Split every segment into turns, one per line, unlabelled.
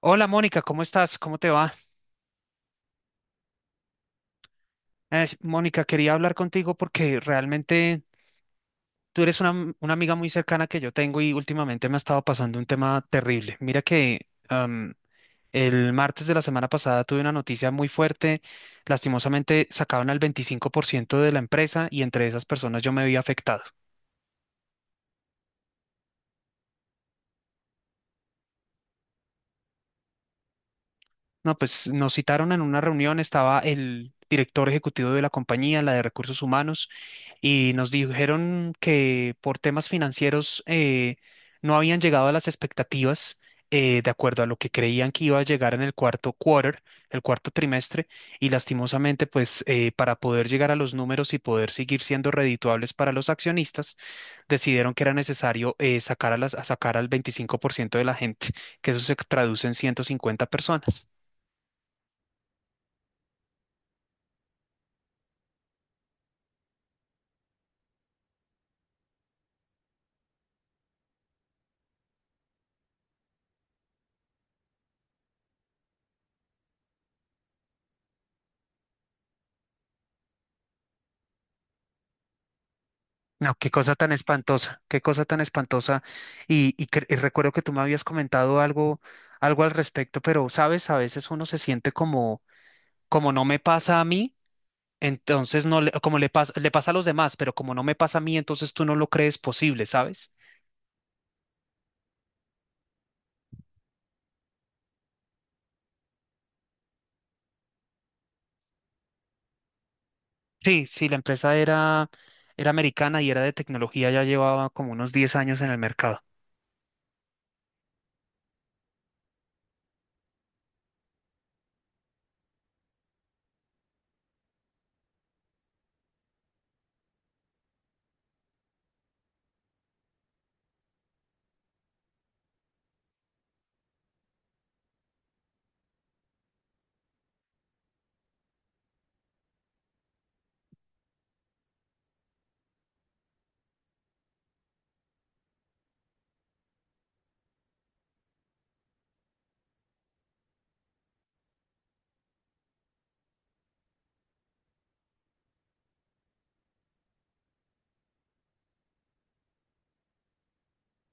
Hola Mónica, ¿cómo estás? ¿Cómo te va? Mónica, quería hablar contigo porque realmente tú eres una amiga muy cercana que yo tengo y últimamente me ha estado pasando un tema terrible. Mira que el martes de la semana pasada tuve una noticia muy fuerte. Lastimosamente sacaron al 25% de la empresa y entre esas personas yo me vi afectado. No, pues nos citaron en una reunión, estaba el director ejecutivo de la compañía, la de recursos humanos, y nos dijeron que por temas financieros no habían llegado a las expectativas, de acuerdo a lo que creían que iba a llegar en el cuarto quarter, el cuarto trimestre, y lastimosamente, pues para poder llegar a los números y poder seguir siendo redituables para los accionistas, decidieron que era necesario sacar a las, a sacar al 25% de la gente, que eso se traduce en 150 personas. No, qué cosa tan espantosa, qué cosa tan espantosa. Y recuerdo que tú me habías comentado algo, algo al respecto, pero sabes, a veces uno se siente como, como no me pasa a mí, entonces no, como le pasa a los demás, pero como no me pasa a mí, entonces tú no lo crees posible, ¿sabes? Sí, sí, la empresa era americana y era de tecnología, ya llevaba como unos 10 años en el mercado.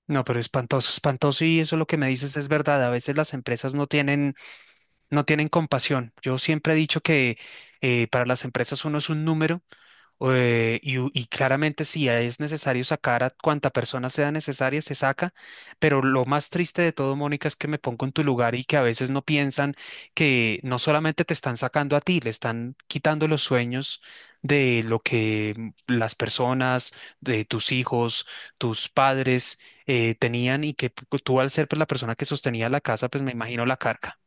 No, pero espantoso, espantoso y eso lo que me dices es verdad. A veces las empresas no tienen compasión. Yo siempre he dicho que para las empresas uno es un número , y claramente si es necesario sacar a cuanta persona sea necesaria, se saca, pero lo más triste de todo, Mónica, es que me pongo en tu lugar y que a veces no piensan que no solamente te están sacando a ti, le están quitando los sueños de lo que las personas, de tus hijos, tus padres, tenían y que tú al ser pues, la persona que sostenía la casa, pues me imagino la carga.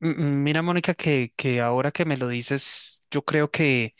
M- Mira, Mónica, que ahora que me lo dices, yo creo que...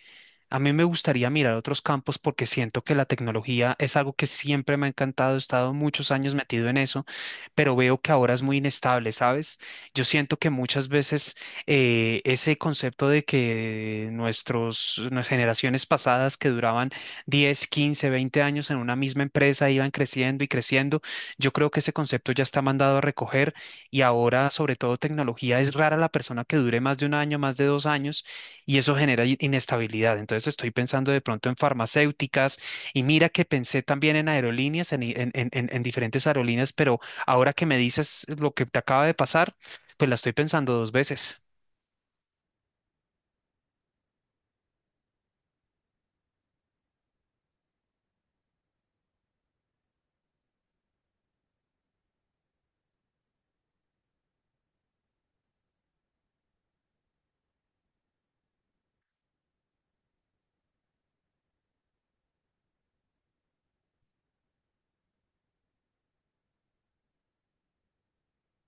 A mí me gustaría mirar otros campos porque siento que la tecnología es algo que siempre me ha encantado, he estado muchos años metido en eso, pero veo que ahora es muy inestable, ¿sabes? Yo siento que muchas veces ese concepto de que nuestras generaciones pasadas que duraban 10, 15, 20 años en una misma empresa iban creciendo y creciendo, yo creo que ese concepto ya está mandado a recoger y ahora, sobre todo tecnología, es rara la persona que dure más de un año, más de dos años y eso genera inestabilidad. Entonces estoy pensando de pronto en farmacéuticas y mira que pensé también en aerolíneas, en, i- en diferentes aerolíneas, pero ahora que me dices lo que te acaba de pasar, pues la estoy pensando dos veces.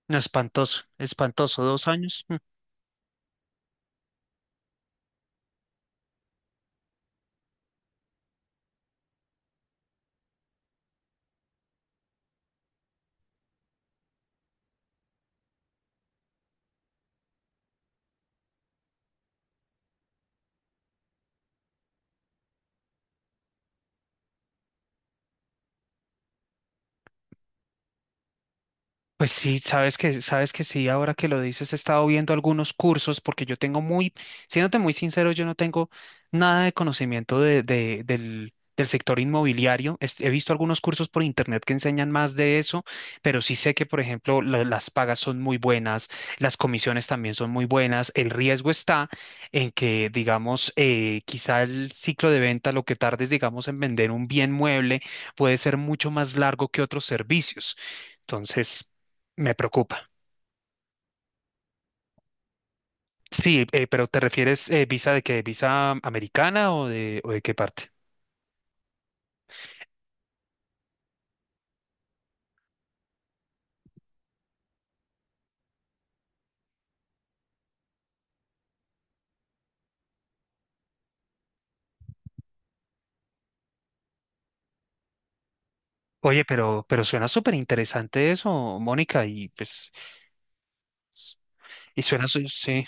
No, espantoso, espantoso, dos años. Pues sí, sabes que sí, ahora que lo dices, he estado viendo algunos cursos porque yo tengo muy, siéndote muy sincero, yo no tengo nada de conocimiento del sector inmobiliario. He visto algunos cursos por internet que enseñan más de eso, pero sí sé que, por ejemplo, las pagas son muy buenas, las comisiones también son muy buenas. El riesgo está en que, digamos, quizá el ciclo de venta, lo que tardes, digamos, en vender un bien mueble, puede ser mucho más largo que otros servicios. Entonces... Me preocupa. Sí, pero ¿te refieres visa de qué? ¿Visa americana o de qué parte? Oye, pero suena súper interesante eso, Mónica, y pues, y suena, sí,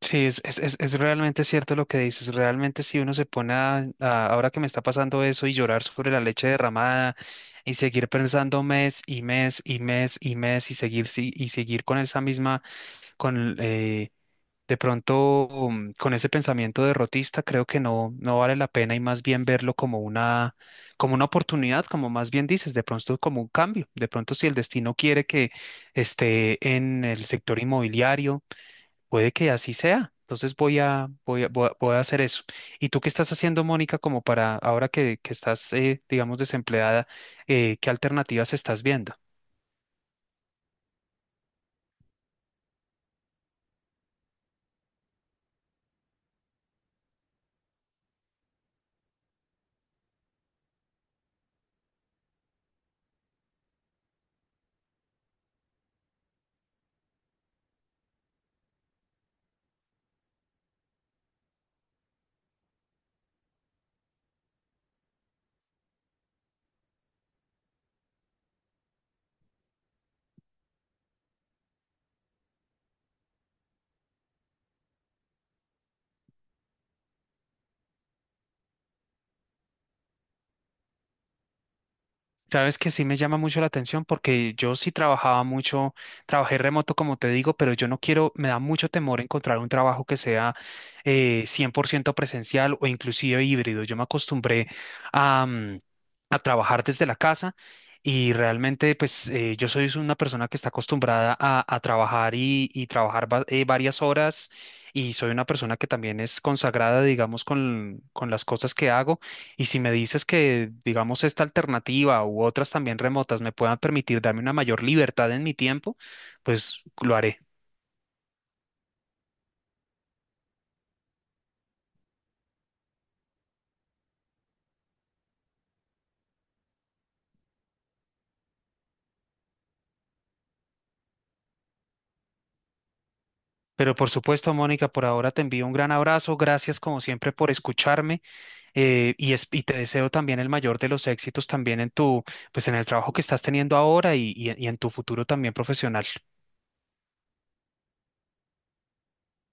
sí, es realmente cierto lo que dices, realmente si uno se pone a, ahora que me está pasando eso y llorar sobre la leche derramada y seguir pensando mes y mes y mes y mes y seguir, sí, y seguir con esa misma, con, eh, De pronto, con ese pensamiento derrotista, creo que no, no vale la pena y más bien verlo como una oportunidad, como más bien dices, de pronto como un cambio. De pronto, si el destino quiere que esté en el sector inmobiliario, puede que así sea. Entonces voy a hacer eso. ¿Y tú qué estás haciendo, Mónica, como para ahora que estás, digamos, desempleada, qué alternativas estás viendo? Sabes que sí me llama mucho la atención porque yo sí trabajaba mucho, trabajé remoto como te digo, pero yo no quiero, me da mucho temor encontrar un trabajo que sea 100% presencial o inclusive híbrido. Yo me acostumbré a, a trabajar desde la casa y realmente pues yo soy una persona que está acostumbrada a trabajar y trabajar varias horas y soy una persona que también es consagrada, digamos, con las cosas que hago. Y si me dices que, digamos, esta alternativa u otras también remotas me puedan permitir darme una mayor libertad en mi tiempo, pues lo haré. Pero por supuesto, Mónica, por ahora te envío un gran abrazo. Gracias como siempre por escucharme y te deseo también el mayor de los éxitos también en tu, pues en el trabajo que estás teniendo ahora y en tu futuro también profesional.